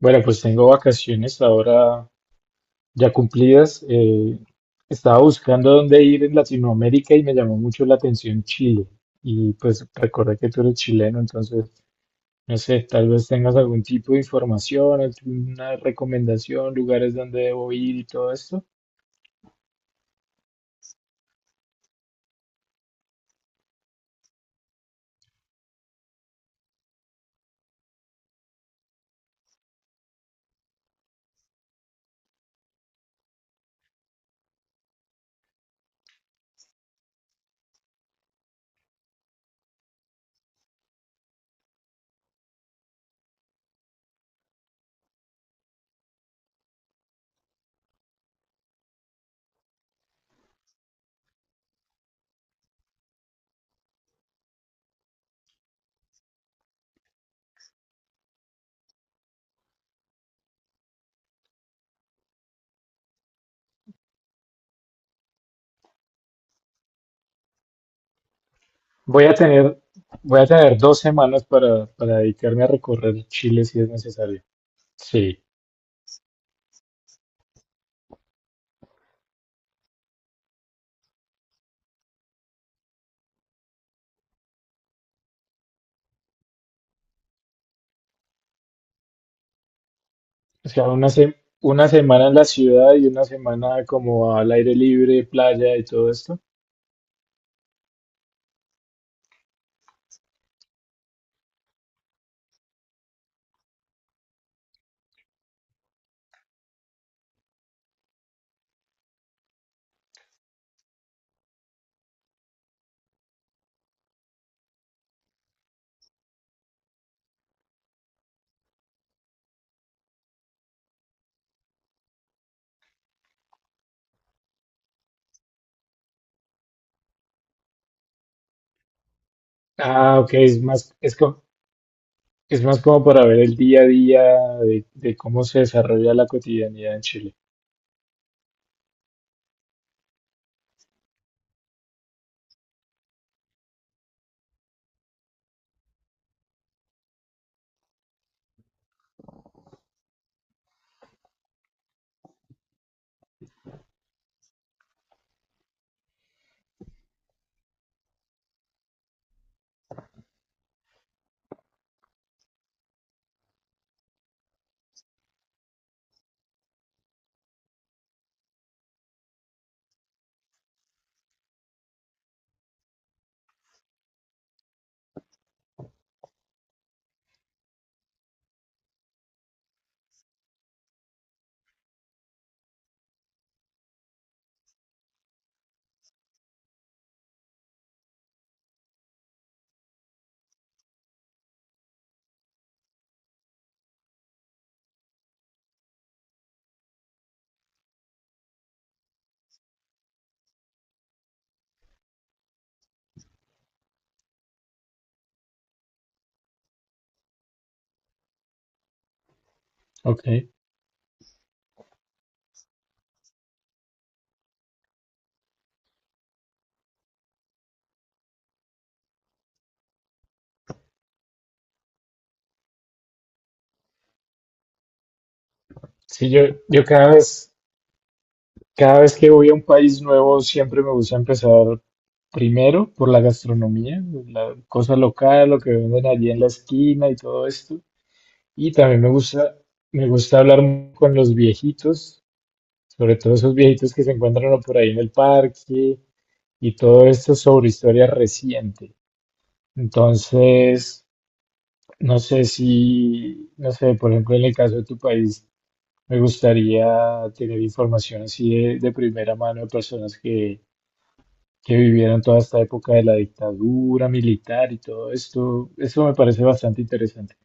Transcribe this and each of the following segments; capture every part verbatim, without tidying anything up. Bueno, pues tengo vacaciones ahora ya cumplidas. Eh, estaba buscando dónde ir en Latinoamérica y me llamó mucho la atención Chile. Y pues recordé que tú eres chileno, entonces, no sé, tal vez tengas algún tipo de información, alguna recomendación, lugares donde debo ir y todo esto. Voy a tener, voy a tener dos semanas para, para dedicarme a recorrer Chile si es necesario. Sí, o sea, una, se- una semana en la ciudad y una semana como al aire libre, playa y todo esto. Ah, ok, es más, es co- es más como para ver el día a día de, de cómo se desarrolla la cotidianidad en Chile. Ok. Sí, yo, yo cada vez, cada vez que voy a un país nuevo siempre me gusta empezar primero por la gastronomía, la cosa local, lo que venden allí en la esquina y todo esto. Y también me gusta, Me gusta hablar mu- con los viejitos, sobre todo esos viejitos que se encuentran uno por ahí en el parque y todo esto sobre historia reciente. Entonces, No sé si, no sé, por ejemplo, en el caso de tu país, me gustaría tener información así de, de primera mano de personas que, que vivieron toda esta época de la dictadura militar y todo esto. Eso me parece bastante interesante.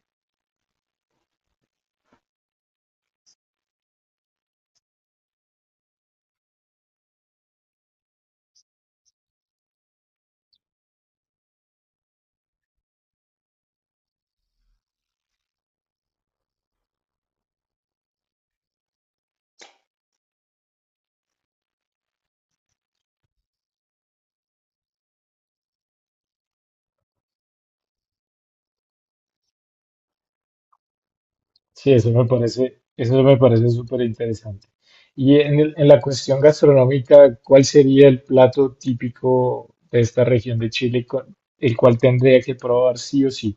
Sí, eso me parece, eso me parece súper interesante. Y en el- en la cuestión gastronómica, ¿cuál sería el plato típico de esta región de Chile con- el cual tendría que probar sí o sí?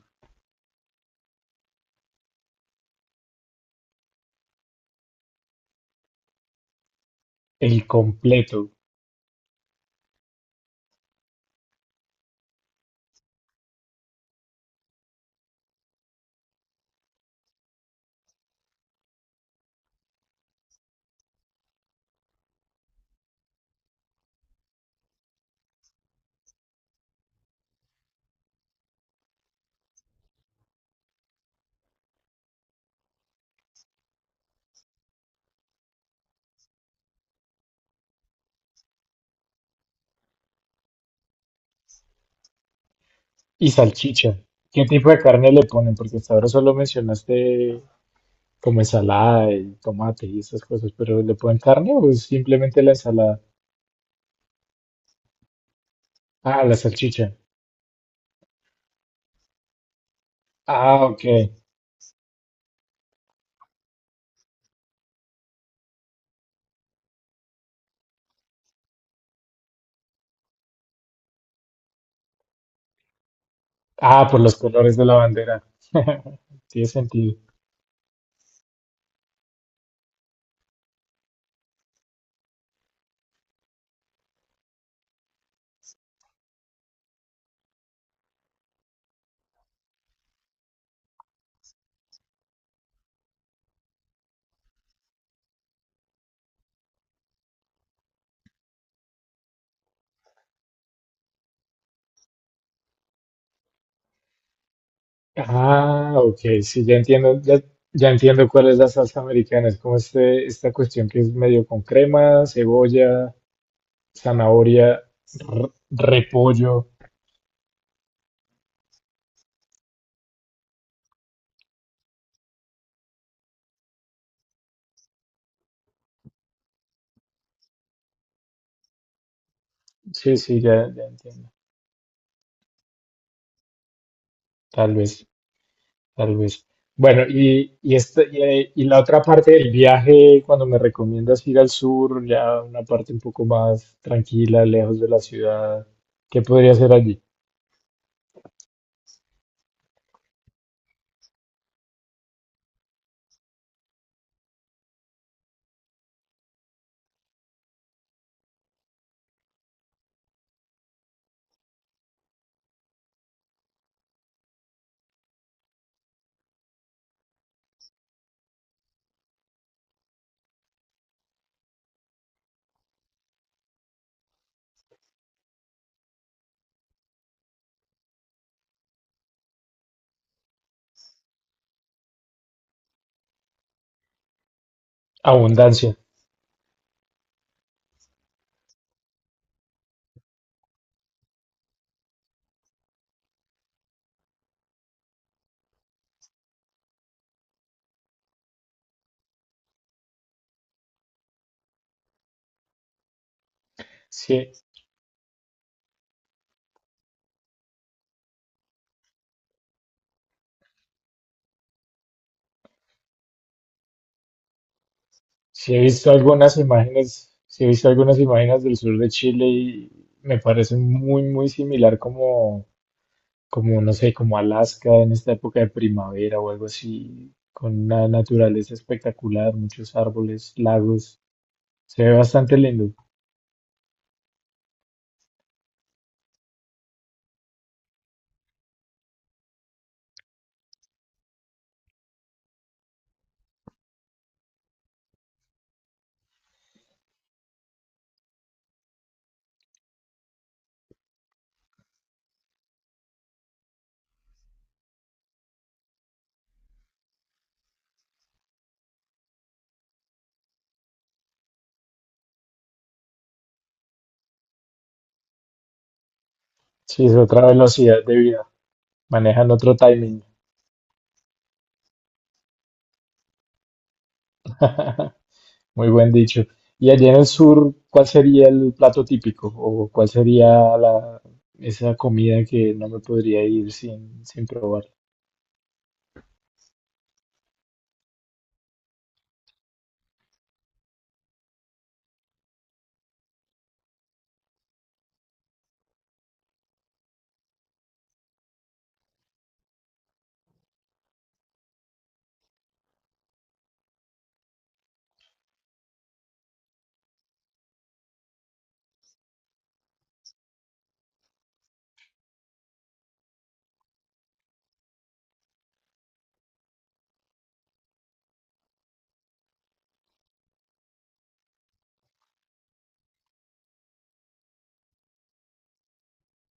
El completo. Y salchicha. ¿Qué tipo de carne le ponen? Porque hasta ahora solo mencionaste como ensalada y tomate y esas cosas, pero ¿le ponen carne o es simplemente la ensalada? Ah, la salchicha. Ah, ok. Ah, por los colores de la bandera. Tiene sentido. Ah, ok, sí, ya entiendo, ya, ya entiendo cuál es la salsa americana. Es como este, esta cuestión que es medio con crema, cebolla, zanahoria, r- repollo. Sí, sí, ya, ya entiendo. Tal vez. Tal vez. Bueno, y, y, esta y, eh, y la otra parte del viaje, cuando me recomiendas ir al sur, ya una parte un poco más tranquila, lejos de la ciudad, ¿qué podría ser allí? Abundancia. Sí, sí he visto algunas imágenes, sí he visto algunas imágenes del sur de Chile y me parece muy, muy similar como, como, no sé, como Alaska en esta época de primavera o algo así, con una naturaleza espectacular, muchos árboles, lagos. Se ve bastante lindo. Sí, es otra velocidad de vida. Manejan otro timing. Muy buen dicho. Y allí en el sur, ¿cuál sería el plato típico? ¿O cuál sería la, esa comida que no me podría ir sin, sin probar?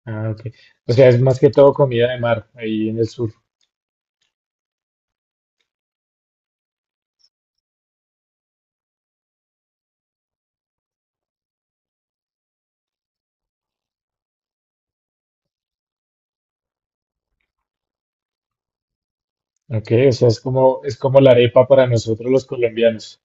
Ah, ok. O sea, es más que todo comida de mar ahí en el sur. Ok, o sea, es como, es como la arepa para nosotros los colombianos.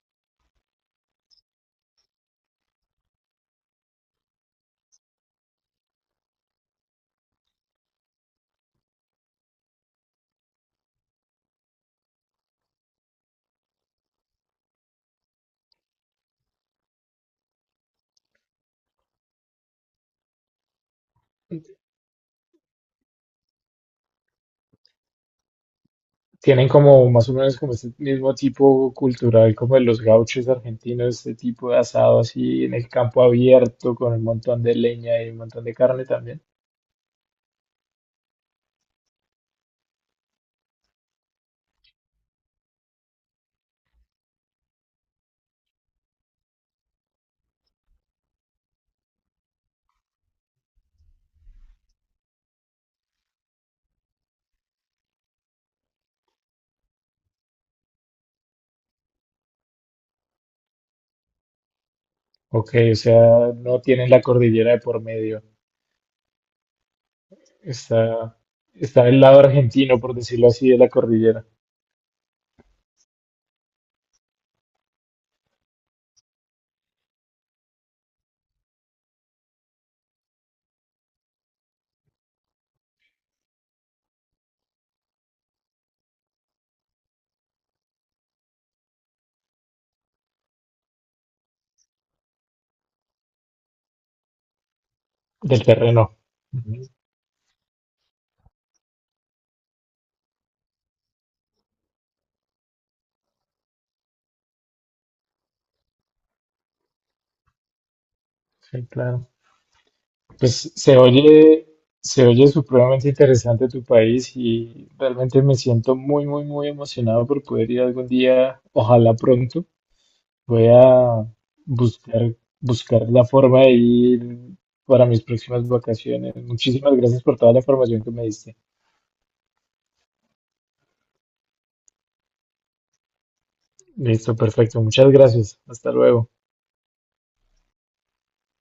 Tienen como más o menos como este mismo tipo cultural como de los gauchos argentinos, este tipo de asado así en el campo abierto con un montón de leña y un montón de carne también. Ok, o sea, no tienen la cordillera de por medio. Está, Está del lado argentino, por decirlo así, de la cordillera, del terreno. Ujú. Sí, claro. Pues se oye, Se oye supremamente interesante tu país y realmente me siento muy, muy, muy emocionado por poder ir algún día, ojalá pronto. Voy a buscar, buscar la forma de ir para mis próximas vacaciones. Muchísimas gracias por toda la información que me diste. Listo, perfecto. Muchas gracias. Hasta luego.